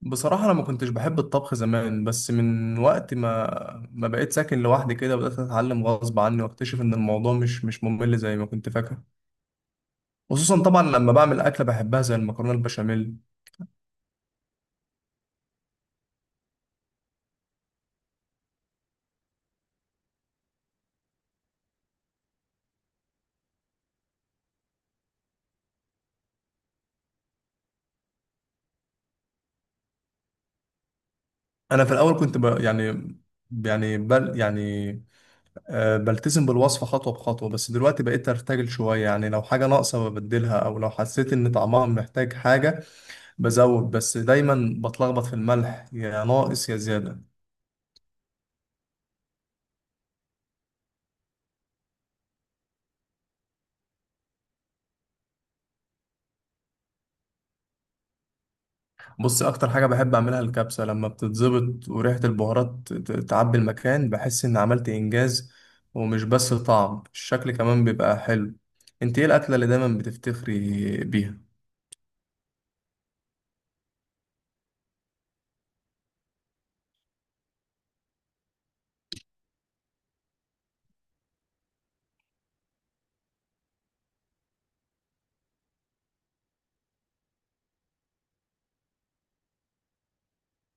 بصراحة، أنا ما كنتش بحب الطبخ زمان، بس من وقت ما بقيت ساكن لوحدي كده، بدأت أتعلم غصب عني وأكتشف إن الموضوع مش ممل زي ما كنت فاكر، خصوصا طبعا لما بعمل أكلة بحبها زي المكرونة البشاميل. أنا في الأول كنت ب... يعني يعني بل يعني آه بلتزم بالوصفة خطوة بخطوة، بس دلوقتي بقيت أرتجل شوية. يعني لو حاجة ناقصة ببدلها، أو لو حسيت إن طعمها محتاج حاجة بزود، بس دايما بتلخبط في الملح، يا ناقص يا زيادة. بص، اكتر حاجه بحب اعملها الكبسه، لما بتتظبط وريحه البهارات تعبي المكان بحس ان عملت انجاز. ومش بس طعم، الشكل كمان بيبقى حلو. انت ايه الاكله اللي دايما بتفتخري بيها؟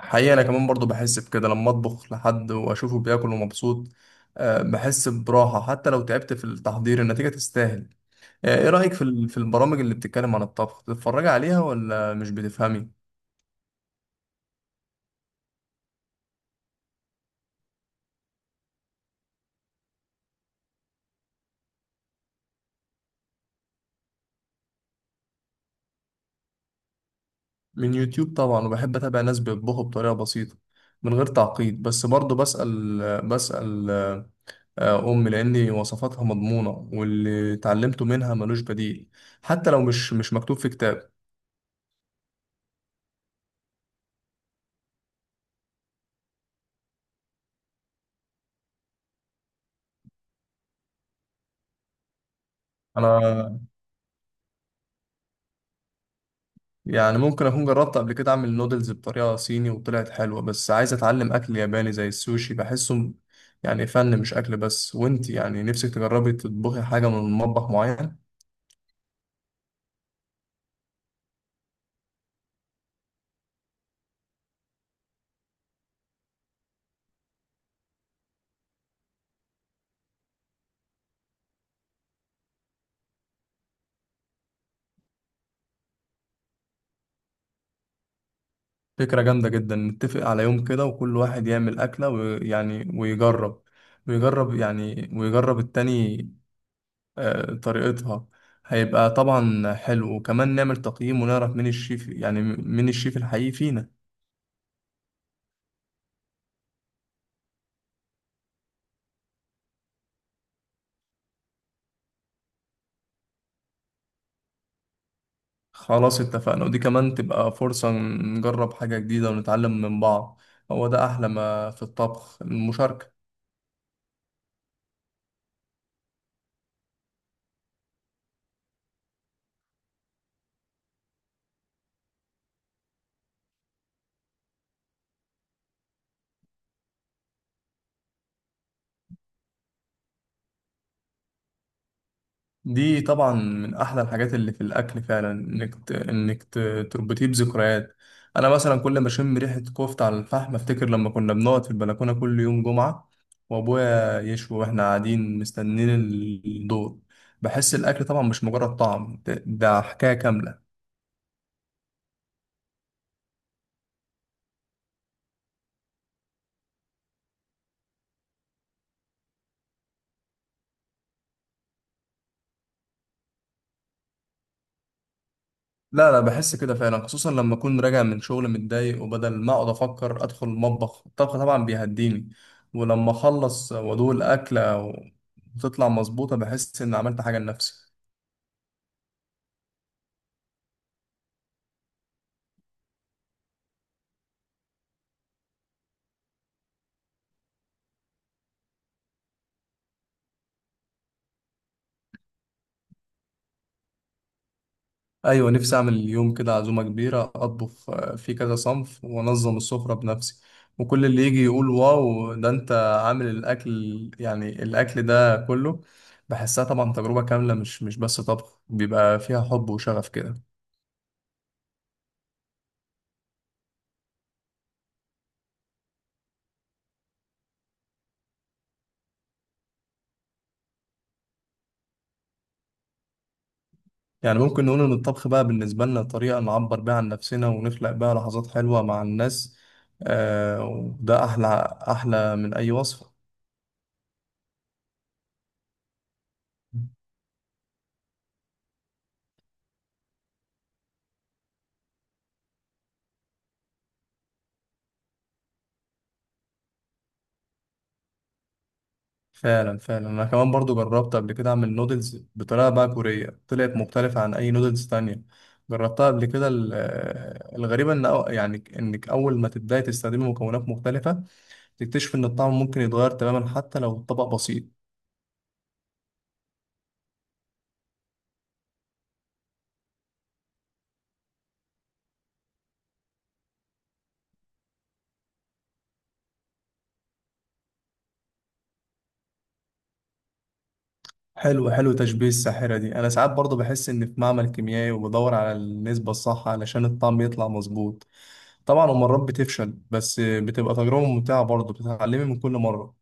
حقيقه انا كمان برضو بحس بكده لما اطبخ لحد واشوفه بياكل ومبسوط. آه، بحس براحه، حتى لو تعبت في التحضير النتيجه تستاهل. آه، ايه رايك في البرامج اللي بتتكلم عن الطبخ؟ بتتفرجي عليها ولا مش بتفهمي؟ من يوتيوب طبعا، وبحب اتابع ناس بيطبخوا بطريقه بسيطه من غير تعقيد، بس برضه بسأل بسأل امي لان وصفاتها مضمونه، واللي اتعلمته منها ملوش بديل، حتى لو مش مكتوب في كتاب. انا يعني ممكن اكون جربت قبل كده اعمل نودلز بطريقه صيني وطلعت حلوه، بس عايز اتعلم اكل ياباني زي السوشي، بحسه يعني فن مش اكل بس. وانت، يعني نفسك تجربي تطبخي حاجه من مطبخ معين؟ فكرة جامدة جدا. نتفق على يوم كده، وكل واحد يعمل أكلة ويعني ويجرب ويجرب يعني ويجرب التاني طريقتها. هيبقى طبعا حلو، وكمان نعمل تقييم ونعرف مين الشيف الحقيقي فينا. خلاص، اتفقنا، ودي كمان تبقى فرصة نجرب حاجة جديدة ونتعلم من بعض. هو ده أحلى ما في الطبخ، المشاركة. دي طبعا من احلى الحاجات اللي في الاكل، فعلا انك تربطيه بذكريات. انا مثلا كل ما اشم ريحه كفته على الفحم افتكر لما كنا بنقعد في البلكونه كل يوم جمعه، وابويا يشوي واحنا قاعدين مستنيين الدور. بحس الاكل طبعا مش مجرد طعم، ده حكايه كامله. لا لا، بحس كده فعلا، خصوصا لما اكون راجع من شغل متضايق وبدل ما اقعد افكر ادخل المطبخ. الطبخ طبعا بيهديني، ولما اخلص وادوق الاكله وتطلع مظبوطه بحس ان عملت حاجه لنفسي. ايوه، نفسي اعمل اليوم كده عزومه كبيره، اطبخ في كذا صنف وانظم السفره بنفسي، وكل اللي يجي يقول واو، ده انت عامل الاكل، يعني الاكل ده كله. بحسها طبعا تجربه كامله، مش بس طبخ، بيبقى فيها حب وشغف كده. يعني ممكن نقول إن الطبخ بقى بالنسبة لنا طريقة نعبر بيها عن نفسنا ونخلق بيها لحظات حلوة مع الناس، آه وده أحلى، أحلى من أي وصفة. فعلا فعلا، أنا كمان برضو جربت قبل كده أعمل نودلز بطريقة بقى كورية، طلعت مختلفة عن أي نودلز تانية جربتها قبل كده. الغريبة إن، أو يعني إنك أول ما تبدأي تستخدمي مكونات مختلفة تكتشف إن الطعم ممكن يتغير تماما حتى لو الطبق بسيط. حلو حلو تشبيه الساحرة دي. أنا ساعات برضه بحس إن في معمل كيميائي، وبدور على النسبة الصح علشان الطعم يطلع مظبوط طبعا، ومرات بتفشل، بس بتبقى تجربة ممتعة برضه، بتتعلمي من كل مرة.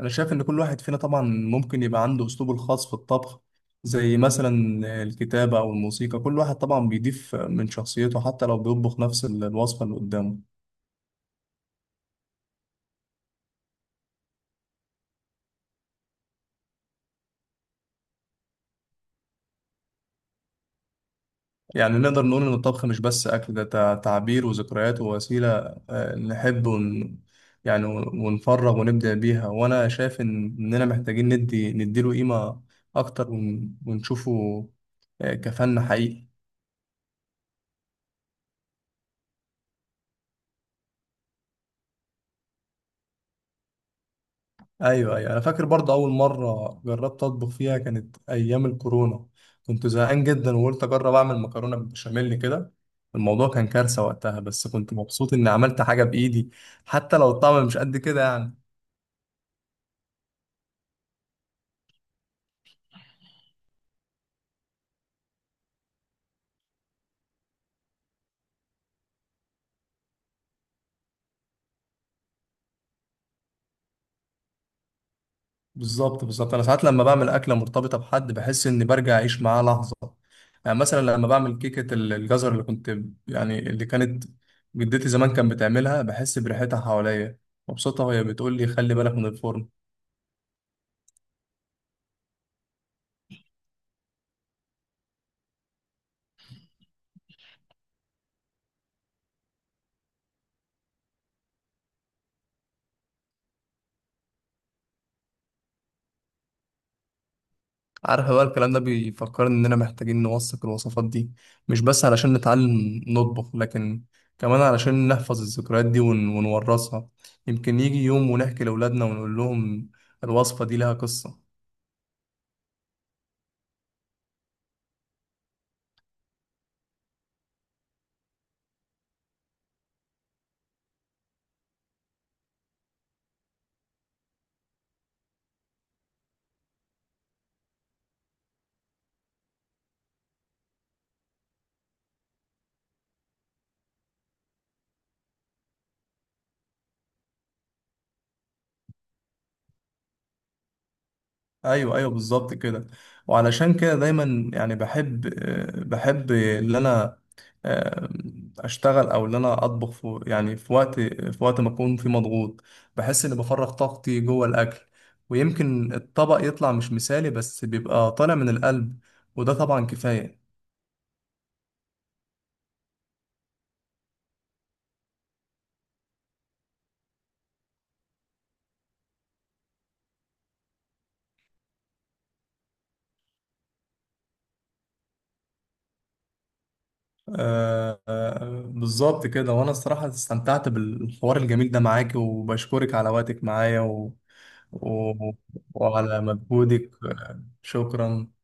أنا شايف إن كل واحد فينا طبعا ممكن يبقى عنده أسلوبه الخاص في الطبخ، زي مثلا الكتابة أو الموسيقى. كل واحد طبعا بيضيف من شخصيته حتى لو بيطبخ نفس الوصفة اللي قدامه. يعني نقدر نقول إن الطبخ مش بس أكل، ده تعبير وذكريات ووسيلة آه، نحب ون... يعني ونفرغ ونبدع بيها. وأنا شايف إننا محتاجين نديله قيمة أكتر ونشوفه كفن حقيقي. أيوه أيوه، أنا فاكر برضه أول مرة جربت أطبخ فيها كانت أيام الكورونا، كنت زهقان جدا وقلت أجرب أعمل مكرونة بالبشاميل كده. الموضوع كان كارثة وقتها، بس كنت مبسوط إني عملت حاجة بإيدي حتى لو الطعم مش قد كده يعني. بالظبط بالظبط، انا ساعات لما بعمل اكله مرتبطه بحد بحس اني برجع اعيش معاه لحظه. يعني مثلا لما بعمل كيكه الجزر اللي كنت يعني اللي كانت جدتي زمان كانت بتعملها بحس بريحتها حواليا مبسوطه، وهي بتقول لي خلي بالك من الفرن. عارف بقى، الكلام ده بيفكرني اننا محتاجين نوثق الوصفات دي، مش بس علشان نتعلم نطبخ، لكن كمان علشان نحفظ الذكريات دي ونورثها. يمكن يجي يوم ونحكي لاولادنا ونقول لهم الوصفه دي لها قصه. ايوه ايوه بالظبط كده. وعلشان كده دايما، يعني بحب ان انا آه، اشتغل، او ان انا اطبخ في وقت ما اكون فيه مضغوط. بحس اني بفرغ طاقتي جوه الاكل، ويمكن الطبق يطلع مش مثالي بس بيبقى طالع من القلب، وده طبعا كفاية. آه، آه، بالظبط كده. وانا الصراحة استمتعت بالحوار الجميل ده معاك، وبشكرك على وقتك معايا و... وعلى مجهودك. شكرا.